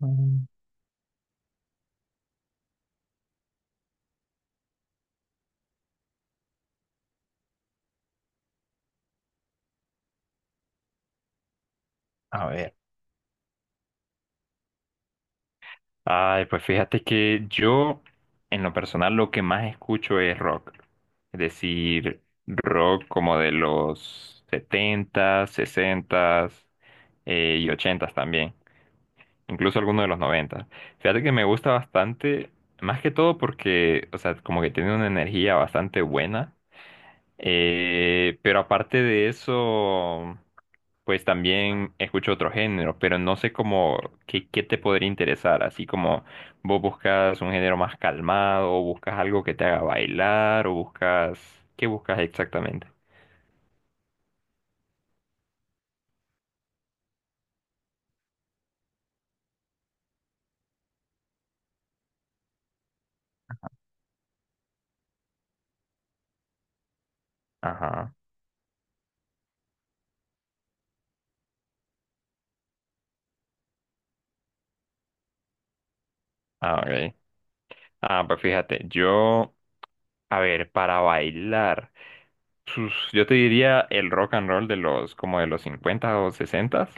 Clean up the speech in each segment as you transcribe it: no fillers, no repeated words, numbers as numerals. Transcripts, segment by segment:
Mm, A ver. Ay, pues fíjate que yo, en lo personal, lo que más escucho es rock. Es decir, rock como de los setentas, sesentas y ochentas también. Incluso algunos de los noventas. Fíjate que me gusta bastante, más que todo porque, o sea, como que tiene una energía bastante buena. Pero aparte de eso. Pues también escucho otro género, pero no sé cómo, qué te podría interesar, así como vos buscas un género más calmado, o buscas algo que te haga bailar, o buscas, ¿qué buscas exactamente? Ajá, ah, ok. Ah, pues fíjate, yo, a ver, para bailar, yo te diría el rock and roll de los, como de los 50 o 60.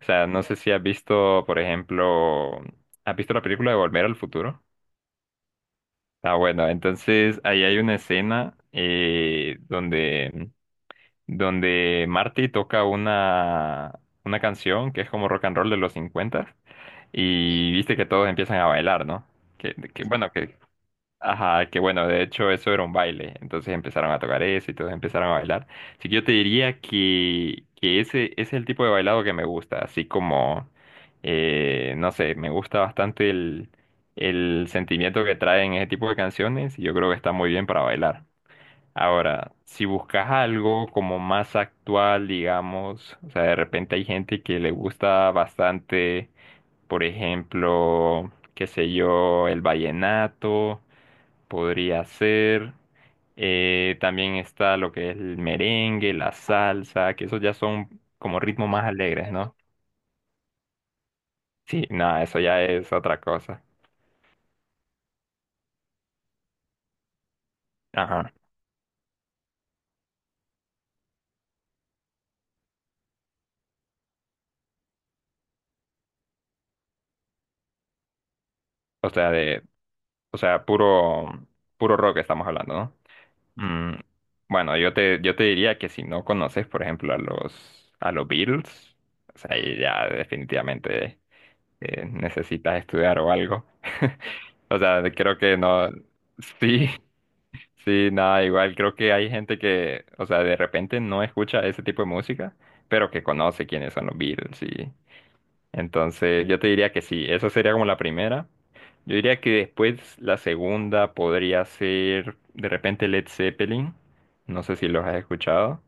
O sea, no sé si has visto, por ejemplo, ¿has visto la película de Volver al Futuro? Ah, bueno, entonces ahí hay una escena, donde, donde Marty toca una canción que es como rock and roll de los 50, y viste que todos empiezan a bailar, ¿no? Que, que, bueno, que, ajá, que bueno, de hecho eso era un baile, entonces empezaron a tocar eso y todos empezaron a bailar. Así que yo te diría que ese es el tipo de bailado que me gusta, así como, no sé, me gusta bastante el sentimiento que traen ese tipo de canciones y yo creo que está muy bien para bailar. Ahora, si buscas algo como más actual, digamos, o sea, de repente hay gente que le gusta bastante, por ejemplo, qué sé yo, el vallenato podría ser. También está lo que es el merengue, la salsa, que esos ya son como ritmos más alegres, ¿no? Sí, nada, eso ya es otra cosa. Ajá. O sea, de, o sea, puro, puro rock estamos hablando, ¿no? Mm, bueno, yo te diría que si no conoces, por ejemplo, a los Beatles, o sea, ahí ya definitivamente necesitas estudiar o algo. O sea, creo que no, sí. Sí, nada, igual creo que hay gente que, o sea, de repente no escucha ese tipo de música, pero que conoce quiénes son los Beatles, y entonces yo te diría que sí, esa sería como la primera. Yo diría que después la segunda podría ser de repente Led Zeppelin, no sé si los has escuchado.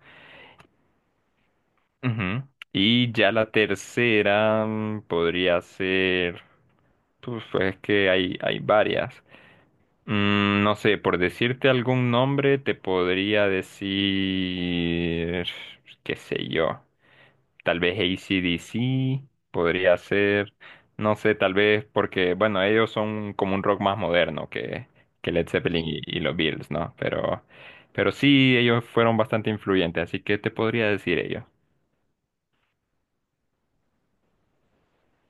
Ujú. Y ya la tercera podría ser, pues, es que hay varias. No sé, por decirte algún nombre, te podría decir, qué sé yo, tal vez AC/DC podría ser, no sé, tal vez porque, bueno, ellos son como un rock más moderno que Led Zeppelin y los Beatles, ¿no? Pero sí, ellos fueron bastante influyentes, así que te podría decir ellos.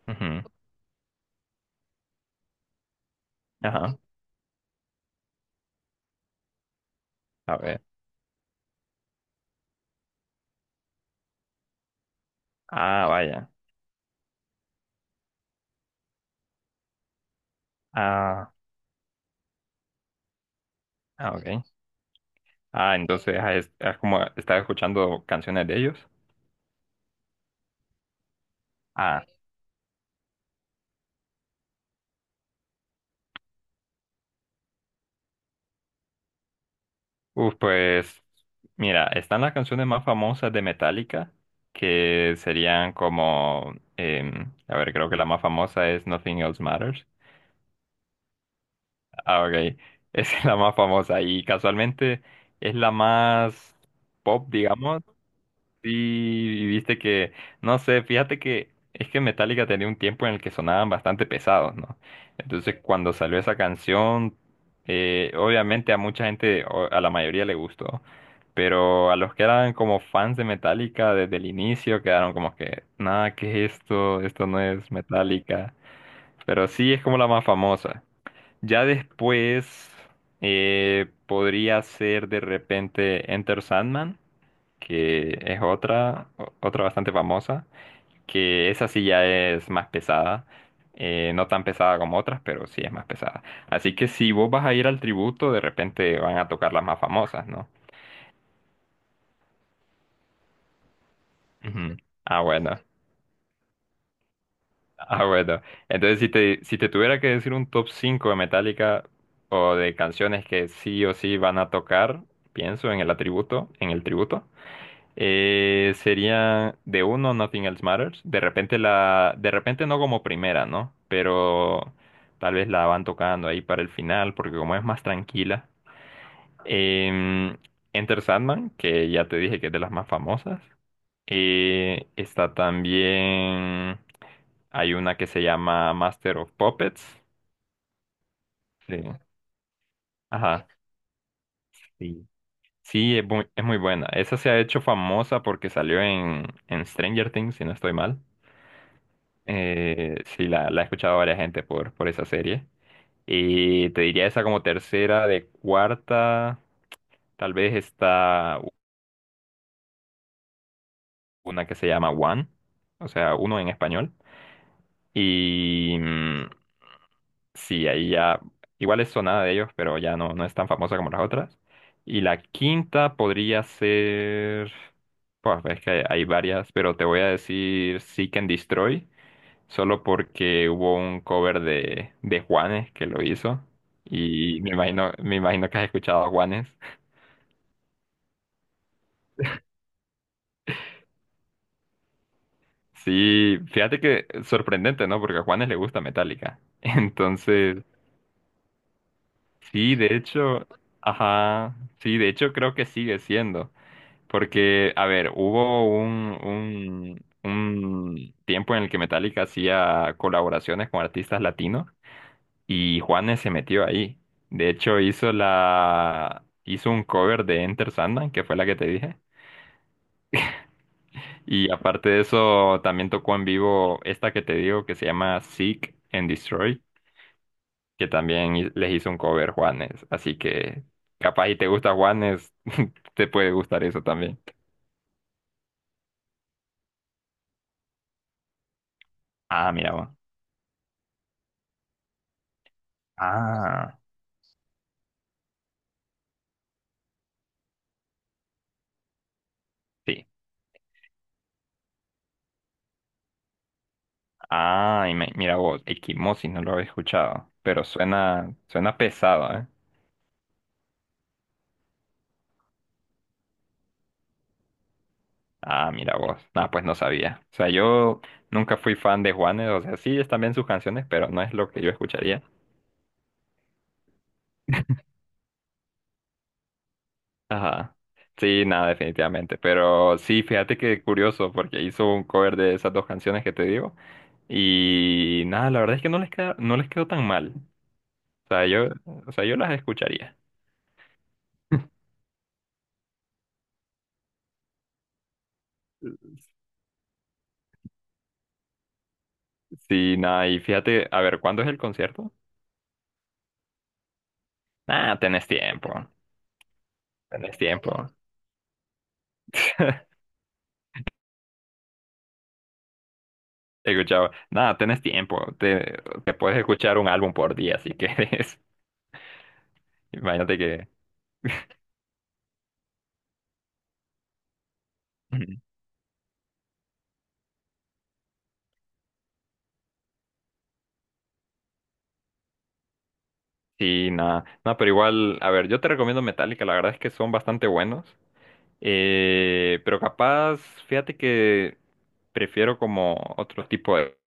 Ujú. Ajá, a ver. Ah, vaya. Ah, ah, ok. Ah, entonces has, has como estás escuchando canciones de ellos. Ah, uf, pues mira, están las canciones más famosas de Metallica, que serían como, a ver, creo que la más famosa es Nothing Else Matters. Ah, ok, esa es la más famosa y casualmente es la más pop, digamos. Sí, y viste que, no sé, fíjate que es que Metallica tenía un tiempo en el que sonaban bastante pesados, ¿no? Entonces cuando salió esa canción, obviamente a mucha gente, o a la mayoría le gustó, pero a los que eran como fans de Metallica desde el inicio quedaron como que, nada, ¿qué es esto? Esto no es Metallica. Pero sí es como la más famosa. Ya después, podría ser de repente Enter Sandman, que es otra, otra bastante famosa, que esa sí ya es más pesada, no tan pesada como otras, pero sí es más pesada. Así que si vos vas a ir al tributo, de repente van a tocar las más famosas, ¿no? Ujú. Ah, bueno, ah, bueno. Entonces, si te tuviera que decir un top 5 de Metallica o de canciones que sí o sí van a tocar, pienso en el atributo, en el tributo. Sería de uno, Nothing Else Matters. De repente la, de repente no como primera, ¿no? Pero tal vez la van tocando ahí para el final, porque como es más tranquila. Em, Enter Sandman, que ya te dije que es de las más famosas. Está también, hay una que se llama Master of Puppets. Sí. Ajá. Sí. Sí, es muy buena. Esa se ha hecho famosa porque salió en Stranger Things, si no estoy mal. Sí, la he escuchado a varias gente por esa serie. Y te diría esa como tercera, de cuarta, tal vez está una que se llama One, o sea, uno en español. Y sí, ahí ya, igual es sonada de ellos, pero ya no, no es tan famosa como las otras. Y la quinta podría ser, pues es que hay varias, pero te voy a decir Seek and Destroy. Solo porque hubo un cover de Juanes que lo hizo. Y me imagino que has escuchado a Juanes. Sí, fíjate que sorprendente, ¿no? Porque a Juanes le gusta Metallica. Entonces, sí, de hecho, ajá, sí, de hecho creo que sigue siendo. Porque, a ver, hubo un tiempo en el que Metallica hacía colaboraciones con artistas latinos. Y Juanes se metió ahí. De hecho, hizo un cover de Enter Sandman, que fue la que te dije. Y aparte de eso, también tocó en vivo esta que te digo que se llama Seek and Destroy, que también les hizo un cover Juanes. Así que capaz y te gusta Juanes, te puede gustar eso también. Ah, mira vos. Ah, sí. Ah, y mira vos, Equimosis no lo había escuchado, pero suena suena pesado, ¿eh? Ah, mira vos. Ah, pues no sabía. O sea, yo nunca fui fan de Juanes. O sea, sí están bien sus canciones, pero no es lo que yo escucharía. Ajá. Sí, nada, definitivamente. Pero sí, fíjate que curioso, porque hizo un cover de esas dos canciones que te digo. Y nada, la verdad es que no les queda, no les quedó tan mal. O sea, yo, o sea, yo las escucharía. Sí, nada, y fíjate, a ver, ¿cuándo es el concierto? Ah, tenés tiempo. Tenés tiempo. Escuchaba, nada, tenés tiempo, te puedes escuchar un álbum por día si quieres. Imagínate que... Sí, nada, no, pero igual, a ver, yo te recomiendo Metallica, la verdad es que son bastante buenos, pero capaz, fíjate que prefiero como otro tipo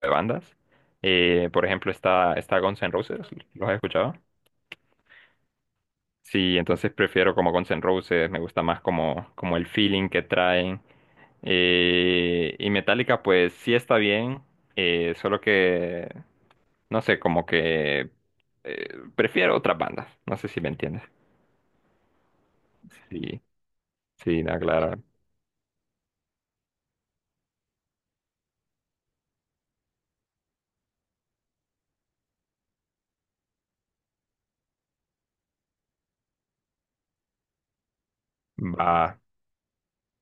de bandas. Por ejemplo, está, está Guns N' Roses, ¿los has escuchado? Sí, entonces prefiero como Guns N' Roses, me gusta más como, como el feeling que traen. Y Metallica, pues sí está bien, solo que, no sé, como que eh, prefiero otras bandas. No sé si me entiendes. Sí, sí, nada, claro. Va,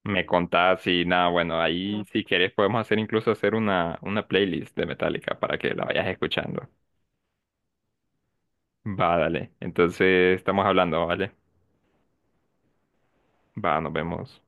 me contás y nada, bueno, ahí si querés podemos hacer incluso hacer una playlist de Metallica para que la vayas escuchando. Va, dale. Entonces estamos hablando, ¿vale? Va, nos vemos.